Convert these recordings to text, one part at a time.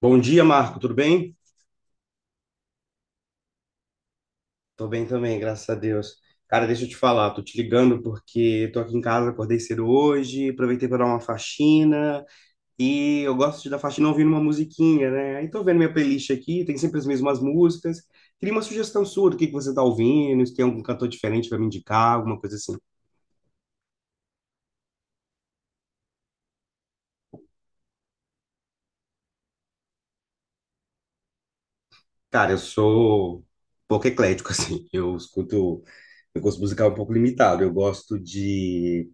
Bom dia, Marco, tudo bem? Tô bem também, graças a Deus. Cara, deixa eu te falar, tô te ligando porque tô aqui em casa, acordei cedo hoje, aproveitei para dar uma faxina e eu gosto de dar faxina ouvindo uma musiquinha, né? Aí tô vendo minha playlist aqui, tem sempre as mesmas músicas. Queria uma sugestão sua do que você tá ouvindo, se tem algum cantor diferente para me indicar, alguma coisa assim. Cara, eu sou pouco eclético, assim, eu escuto, meu gosto musical é um pouco limitado, eu gosto de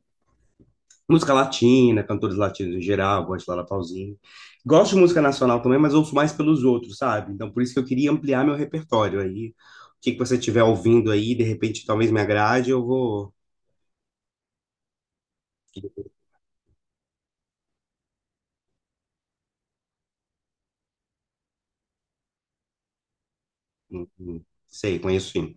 música latina, cantores latinos em geral, gosto de Laura Pausini. Gosto de música nacional também, mas ouço mais pelos outros, sabe? Então, por isso que eu queria ampliar meu repertório aí. O que que você estiver ouvindo aí, de repente, talvez me agrade, eu vou. Hum, hum, Sei, conheço sim.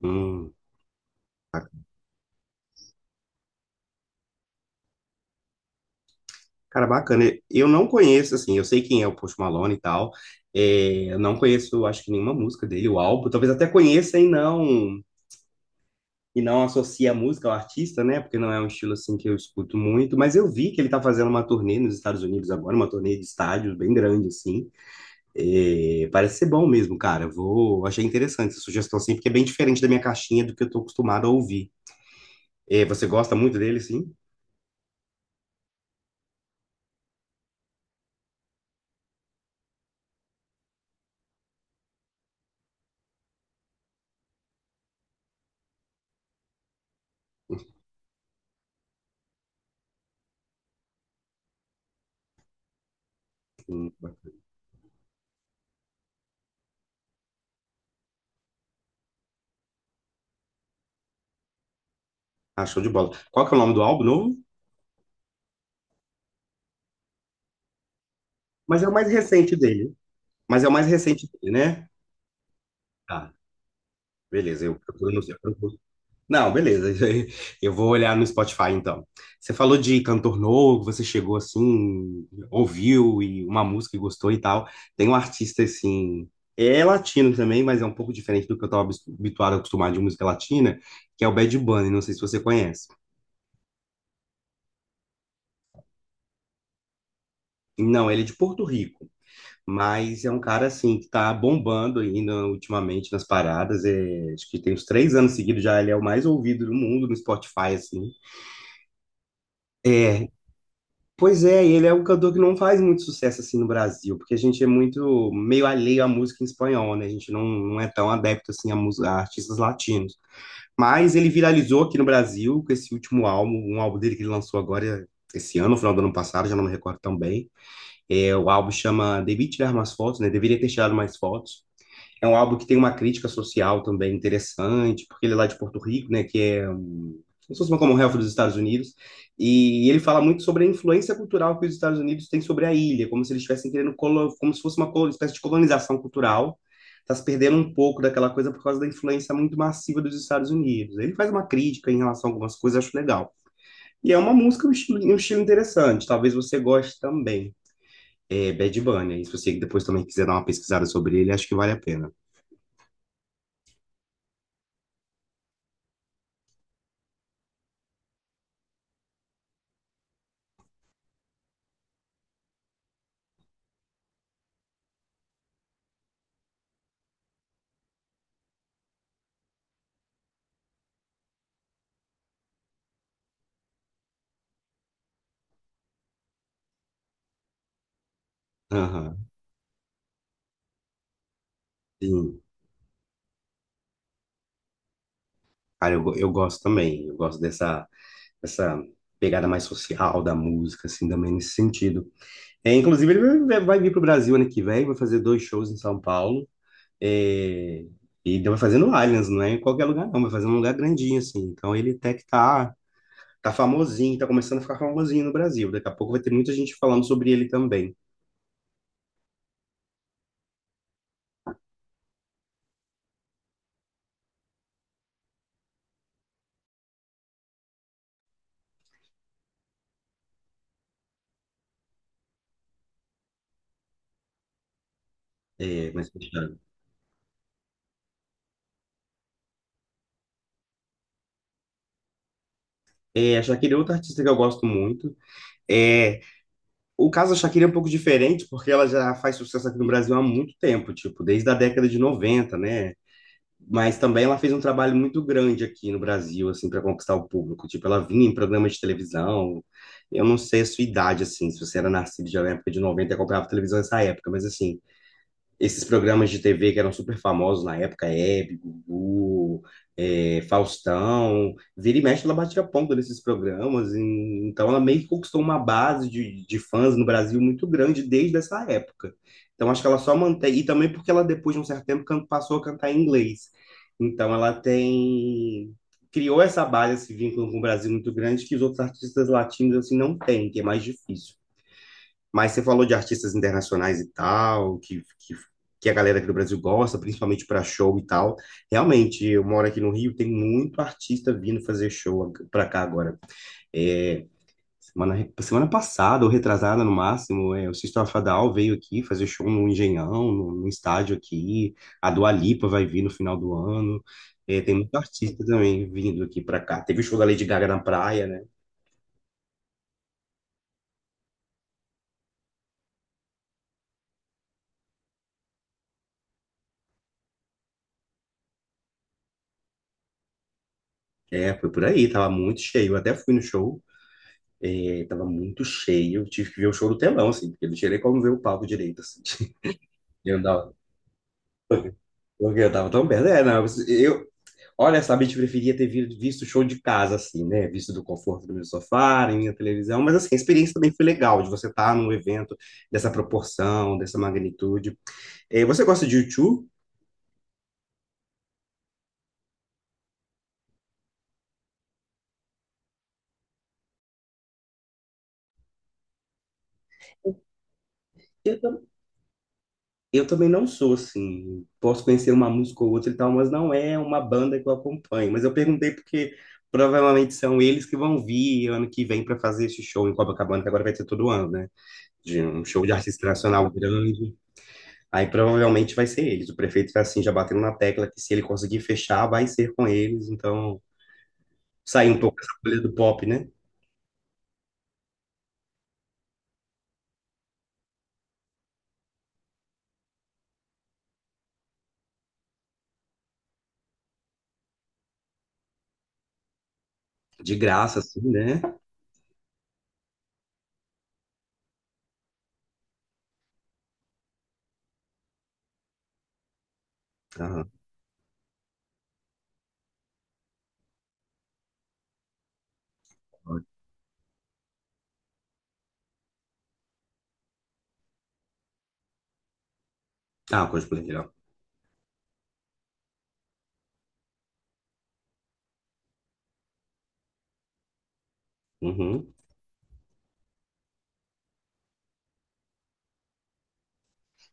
Hum, ba- cara, bacana. Eu não conheço, assim, eu sei quem é o Post Malone e tal. É, eu não conheço, acho que nenhuma música dele, o álbum. Talvez até conheça e não. e não associa a música ao artista, né? Porque não é um estilo assim que eu escuto muito, mas eu vi que ele tá fazendo uma turnê nos Estados Unidos agora, uma turnê de estádios bem grande, assim. É, parece ser bom mesmo, cara. Vou, achei interessante essa sugestão, assim, porque é bem diferente da minha caixinha do que eu tô acostumado a ouvir. É, você gosta muito dele, sim? Hum, ah, show de bola. Qual que é o nome do álbum novo? Mas é o mais recente dele. Mas é o mais recente dele, né? Tá, beleza. Eu procuro não, beleza. Eu vou olhar no Spotify então. Você falou de cantor novo, você chegou assim, ouviu e uma música e gostou e tal. Tem um artista assim, é latino também, mas é um pouco diferente do que eu estava habituado, acostumado de música latina, que é o Bad Bunny, não sei se você conhece. Não, ele é de Porto Rico, mas é um cara assim que tá bombando ainda ultimamente nas paradas. É, acho que tem uns três anos seguidos já, ele é o mais ouvido do mundo no Spotify, assim. É, pois é, e ele é um cantor que não faz muito sucesso assim no Brasil, porque a gente é muito meio alheio à música em espanhol, né? A gente não é tão adepto assim a, mus- a artistas latinos. Mas ele viralizou aqui no Brasil com esse último álbum, um álbum dele que ele lançou agora esse ano, no final do ano passado, já não me recordo tão bem. É, o álbum chama Devia Tirar Mais Fotos, né? Deveria ter tirado mais fotos. É um álbum que tem uma crítica social também interessante, porque ele é lá de Porto Rico, né, que é um, como se fosse uma Commonwealth dos Estados Unidos, e ele fala muito sobre a influência cultural que os Estados Unidos têm sobre a ilha, como se eles estivessem querendo, colo- como se fosse uma colo- espécie de colonização cultural, está se perdendo um pouco daquela coisa por causa da influência muito massiva dos Estados Unidos. Ele faz uma crítica em relação a algumas coisas, acho legal. E é uma música, um estilo interessante, talvez você goste também. É Bad Bunny, e se você depois também quiser dar uma pesquisada sobre ele, acho que vale a pena. Aham. Sim, cara, eu, go- eu gosto também, eu gosto dessa, dessa pegada mais social da música, assim, também nesse sentido. É, inclusive, ele vai vir pro Brasil ano que vem, vai fazer dois shows em São Paulo, é, e vai fazer no Allianz, não é em qualquer lugar não, vai fazer num lugar grandinho, assim, então ele até que tá, tá famosinho, tá começando a ficar famosinho no Brasil, daqui a pouco vai ter muita gente falando sobre ele também, é, mas fechando. É, a Shakira é outra artista que eu gosto muito, é. O caso da Shakira é um pouco diferente, porque ela já faz sucesso aqui no Brasil há muito tempo, tipo, desde a década de 90, né? Mas também ela fez um trabalho muito grande aqui no Brasil, assim, para conquistar o público. Tipo, ela vinha em programas de televisão. Eu não sei a sua idade, assim, se você era nascido já na época de 90 e acompanhava televisão nessa época, mas assim, esses programas de TV que eram super famosos na época, Hebe, Gugu, é, Faustão, vira e mexe, ela batia a ponta nesses programas, e- então ela meio que conquistou uma base de fãs no Brasil muito grande desde essa época. Então acho que ela só mantém, e também porque ela depois de um certo tempo can- passou a cantar em inglês. Então ela tem, criou essa base, esse vínculo com o Brasil muito grande que os outros artistas latinos assim não têm, que é mais difícil. Mas você falou de artistas internacionais e tal, que a galera aqui do Brasil gosta, principalmente para show e tal. Realmente, eu moro aqui no Rio, tem muito artista vindo fazer show para cá agora. É, semana passada, ou retrasada no máximo, é, o System of a Down veio aqui fazer show no Engenhão, no estádio aqui. A Dua Lipa vai vir no final do ano. É, tem muito artista também vindo aqui para cá. Teve o show da Lady Gaga na praia, né? É, foi por aí, tava muito cheio. Eu até fui no show. Ele tava muito cheio, eu tive que ver o show do telão, assim, porque não tinha nem como ver o palco direito, assim. Eu andava, porque eu tava tão perto. É, não, eu, olha, sabe, a gente preferia ter vi- visto o show de casa, assim, né? Visto do conforto do meu sofá, na minha televisão, mas assim, a experiência também foi legal, de você estar num evento dessa proporção, dessa magnitude. Você gosta de U2? Eu também não sou assim. Posso conhecer uma música ou outra e tal, mas não é uma banda que eu acompanho. Mas eu perguntei porque provavelmente são eles que vão vir ano que vem para fazer esse show em Copacabana, que agora vai ter todo ano, né? De um show de artista nacional grande. Aí provavelmente vai ser eles. O prefeito tá assim, já batendo na tecla que se ele conseguir fechar, vai ser com eles. Então, sair um pouco dessa bolha do pop, né? De graça, assim, né? Ah, ah, coisa legal. Uhum.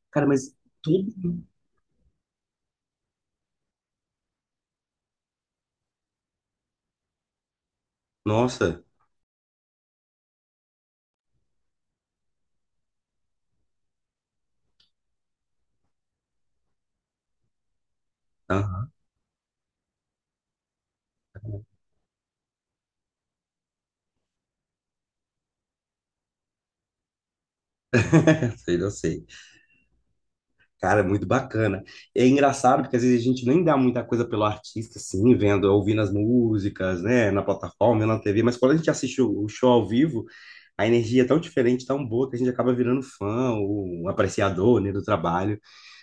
Cara, mas tudo. Nossa. Ah, sei, não sei. Cara, muito bacana. É engraçado porque às vezes a gente nem dá muita coisa pelo artista, assim, vendo, ouvindo as músicas, né, na plataforma, na TV, mas quando a gente assiste o show ao vivo, a energia é tão diferente, tão boa, que a gente acaba virando fã, ou um apreciador, né, do trabalho.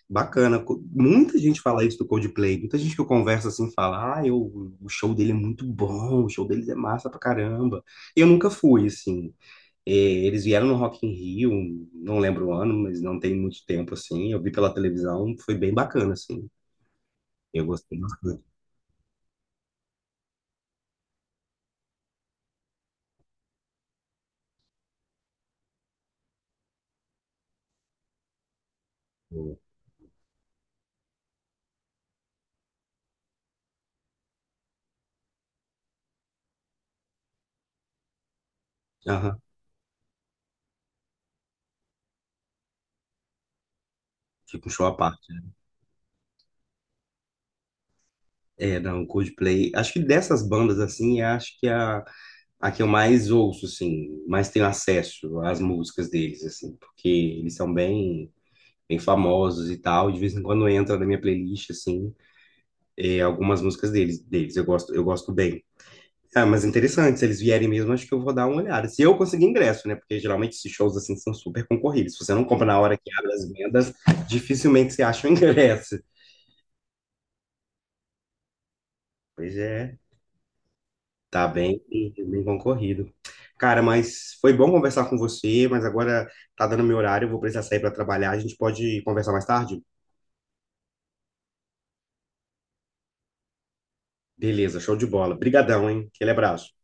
Bacana. Co- muita gente fala isso do Coldplay, muita gente que eu converso assim fala, ah, eu, o show dele é muito bom, o show deles é massa pra caramba. Eu nunca fui, assim, e eles vieram no Rock in Rio, não lembro o ano, mas não tem muito tempo, assim. Eu vi pela televisão, foi bem bacana, assim. Eu gostei bastante. Aham, fica um show à parte. É, não, Coldplay. Acho que dessas bandas, assim, é, acho que a que eu mais ouço, assim, mais tenho acesso às músicas deles, assim, porque eles são bem, bem famosos e tal. De vez em quando entra na minha playlist, assim, é, algumas músicas deles, deles. Eu gosto bem. Ah, mas interessante, se eles vierem mesmo, acho que eu vou dar uma olhada. Se eu conseguir ingresso, né? Porque geralmente esses shows assim são super concorridos. Se você não compra na hora que abre as vendas, dificilmente você acha o ingresso. Pois é, tá bem, bem concorrido. Cara, mas foi bom conversar com você, mas agora tá dando meu horário, eu vou precisar sair para trabalhar. A gente pode conversar mais tarde? Beleza, show de bola. Brigadão, hein? Aquele abraço.